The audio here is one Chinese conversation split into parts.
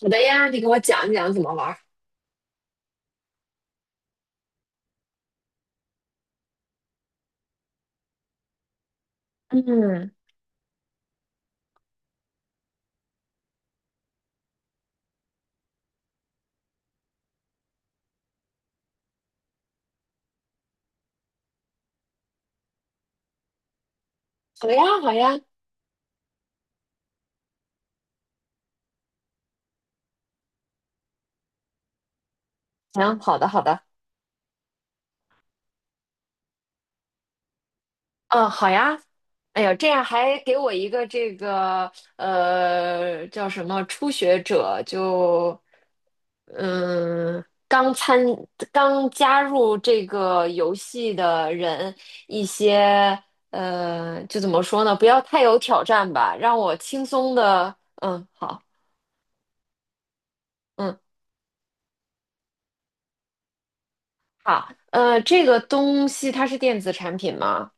好的呀，你给我讲一讲怎么玩儿。嗯，好呀，好呀，行，好的，好的，嗯，好呀。哎呦，这样还给我一个这个叫什么初学者，就嗯刚参刚加入这个游戏的人一些就怎么说呢，不要太有挑战吧，让我轻松的。嗯。好。嗯。好。这个东西它是电子产品吗？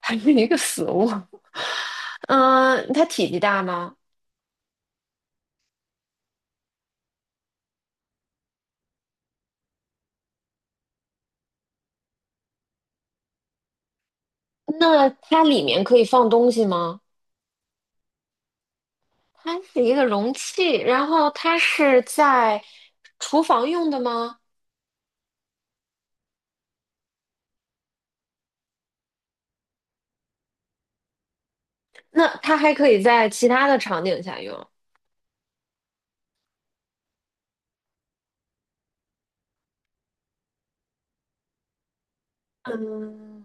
还是一个死物。嗯，它体积大吗？那它里面可以放东西吗？它是一个容器，然后它是在厨房用的吗？那它还可以在其他的场景下用。嗯，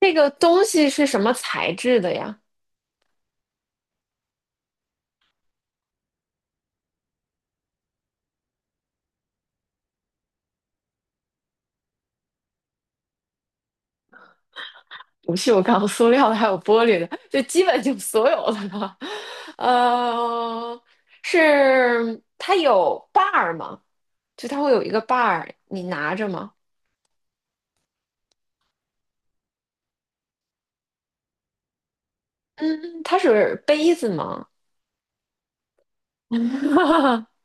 这个东西是什么材质的呀？不锈钢、塑料的，还有玻璃的，就基本就所有的了。呃，是它有把儿吗？就它会有一个把儿，你拿着吗？嗯，它是杯子吗？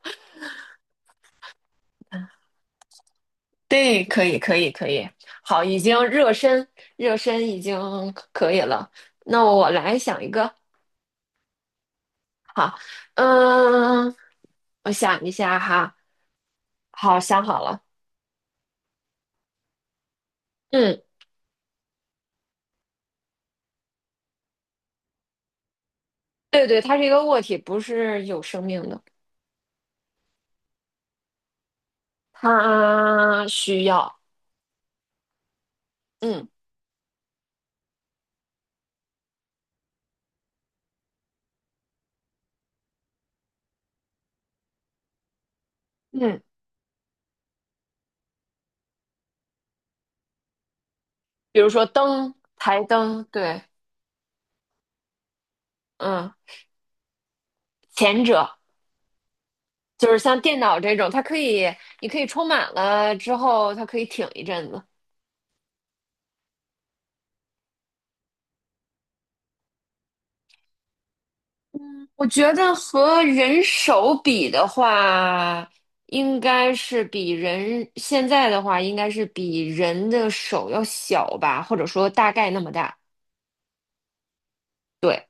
对，可以，可以，可以。好，已经热身，热身已经可以了。那我来想一个。好，嗯，我想一下哈。好，想好了。嗯，对对，它是一个物体，不是有生命的。它需要，嗯嗯，比如说灯、台灯，对，嗯，前者。就是像电脑这种，它可以，你可以充满了之后，它可以挺一阵子。嗯，我觉得和人手比的话，应该是比人现在的话，应该是比人的手要小吧，或者说大概那么大。对，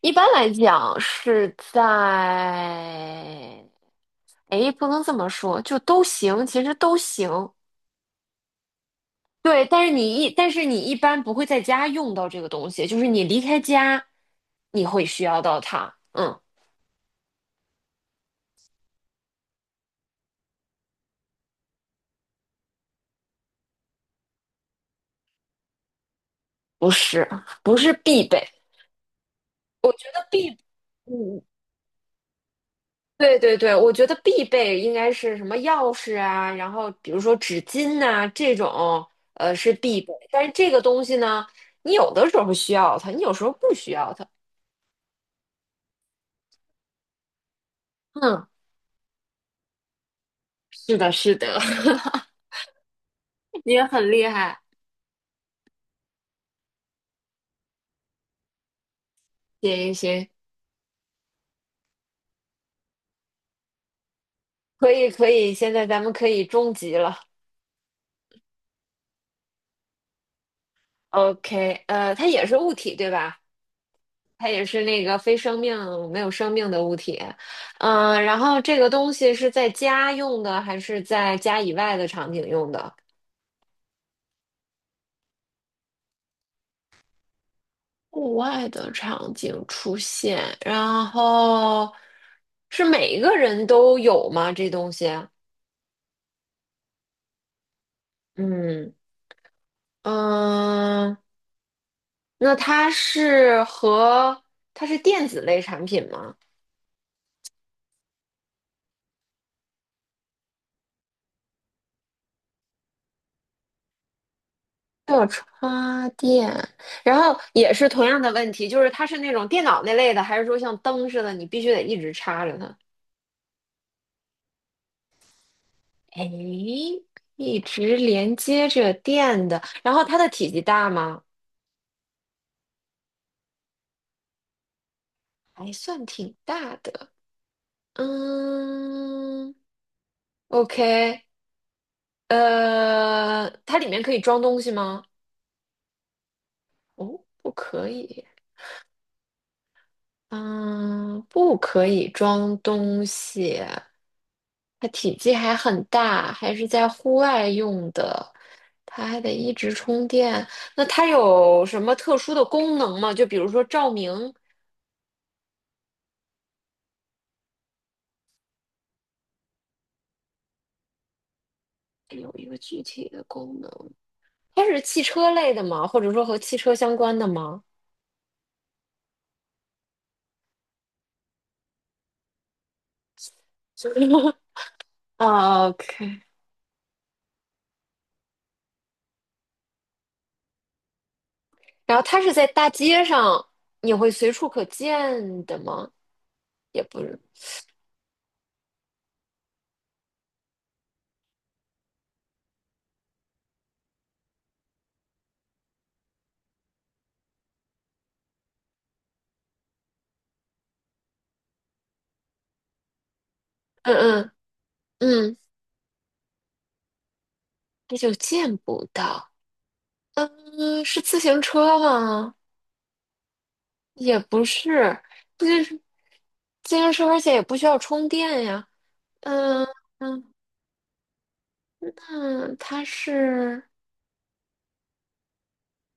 一般来讲是在，哎，不能这么说，就都行，其实都行。对，但是你一般不会在家用到这个东西，就是你离开家，你会需要到它。嗯，不是，不是必备。我觉得必，嗯，对对对，我觉得必备应该是什么钥匙啊，然后比如说纸巾呐、这种，是必备。但是这个东西呢，你有的时候需要它，你有时候不需要它。嗯，是的，是的，你也很厉害。行行行，可以可以，现在咱们可以终极了。OK,它也是物体，对吧？它也是那个非生命、没有生命的物体。然后这个东西是在家用的，还是在家以外的场景用的？户外的场景出现，然后是每一个人都有吗？这东西？嗯，嗯，那它是电子类产品吗？要插电，然后也是同样的问题，就是它是那种电脑那类的，还是说像灯似的，你必须得一直插着它？哎，一直连接着电的，然后它的体积大吗？还算挺大的。嗯，OK,它里面可以装东西吗？哦，不可以。嗯，不可以装东西，它体积还很大，还是在户外用的，它还得一直充电。那它有什么特殊的功能吗？就比如说照明，有一个具体的功能。它是汽车类的吗？或者说和汽车相关的吗？啊，OK。然后它是在大街上，你会随处可见的吗？也不是，嗯嗯嗯，那就见不到。嗯，是自行车吗？也不是，就是自行车，而且也不需要充电呀。嗯嗯，那它是，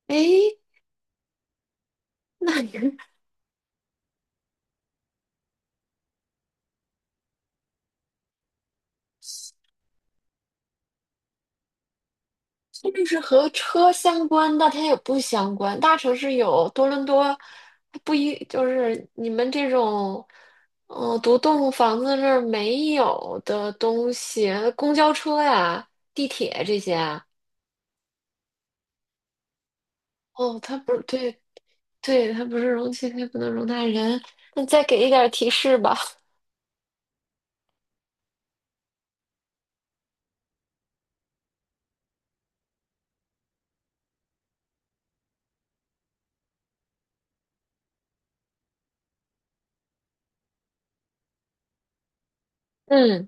诶，那你 是不是和车相关？但它也不相关。大城市有多伦多，它不一就是你们这种，独栋房子那儿没有的东西，公交车呀、地铁这些啊。哦，它不是，对，对，它不是容器，它也不能容纳人。那再给一点儿提示吧。嗯，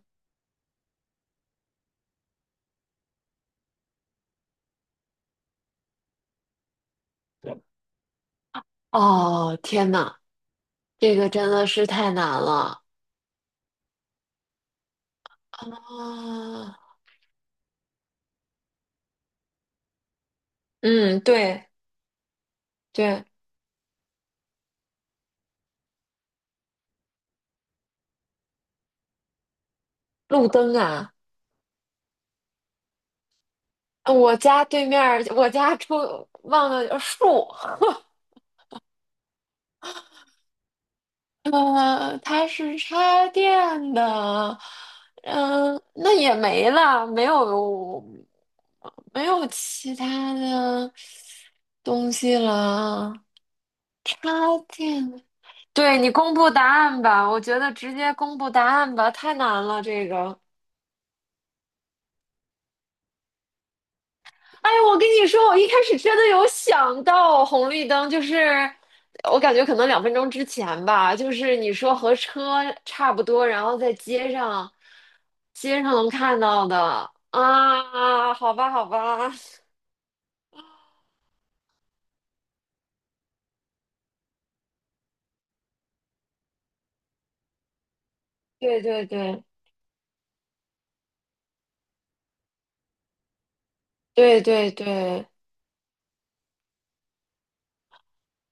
哦，天呐，这个真的是太难了啊！嗯，对对，路灯啊，我家对面儿我家出忘了树，它是插电的，那也没了，没有其他的东西了，插电。对你公布答案吧，我觉得直接公布答案吧，太难了这个。哎，我跟你说，我一开始真的有想到红绿灯，就是我感觉可能2分钟之前吧，就是你说和车差不多，然后在街上，街上能看到的啊，好吧，好吧，对对对对对对，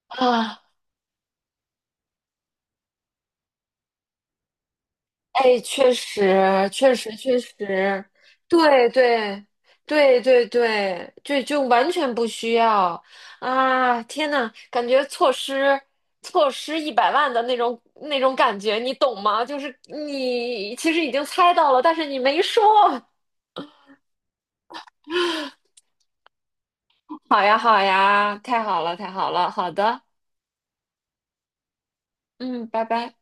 啊，哎，确实，确实，确实，对，对，对，对，对，就完全不需要啊！天呐，感觉错失1,000,000的那种感觉，你懂吗？就是你其实已经猜到了，但是你没说。好呀，好呀，太好了，太好了，好的，嗯，拜拜。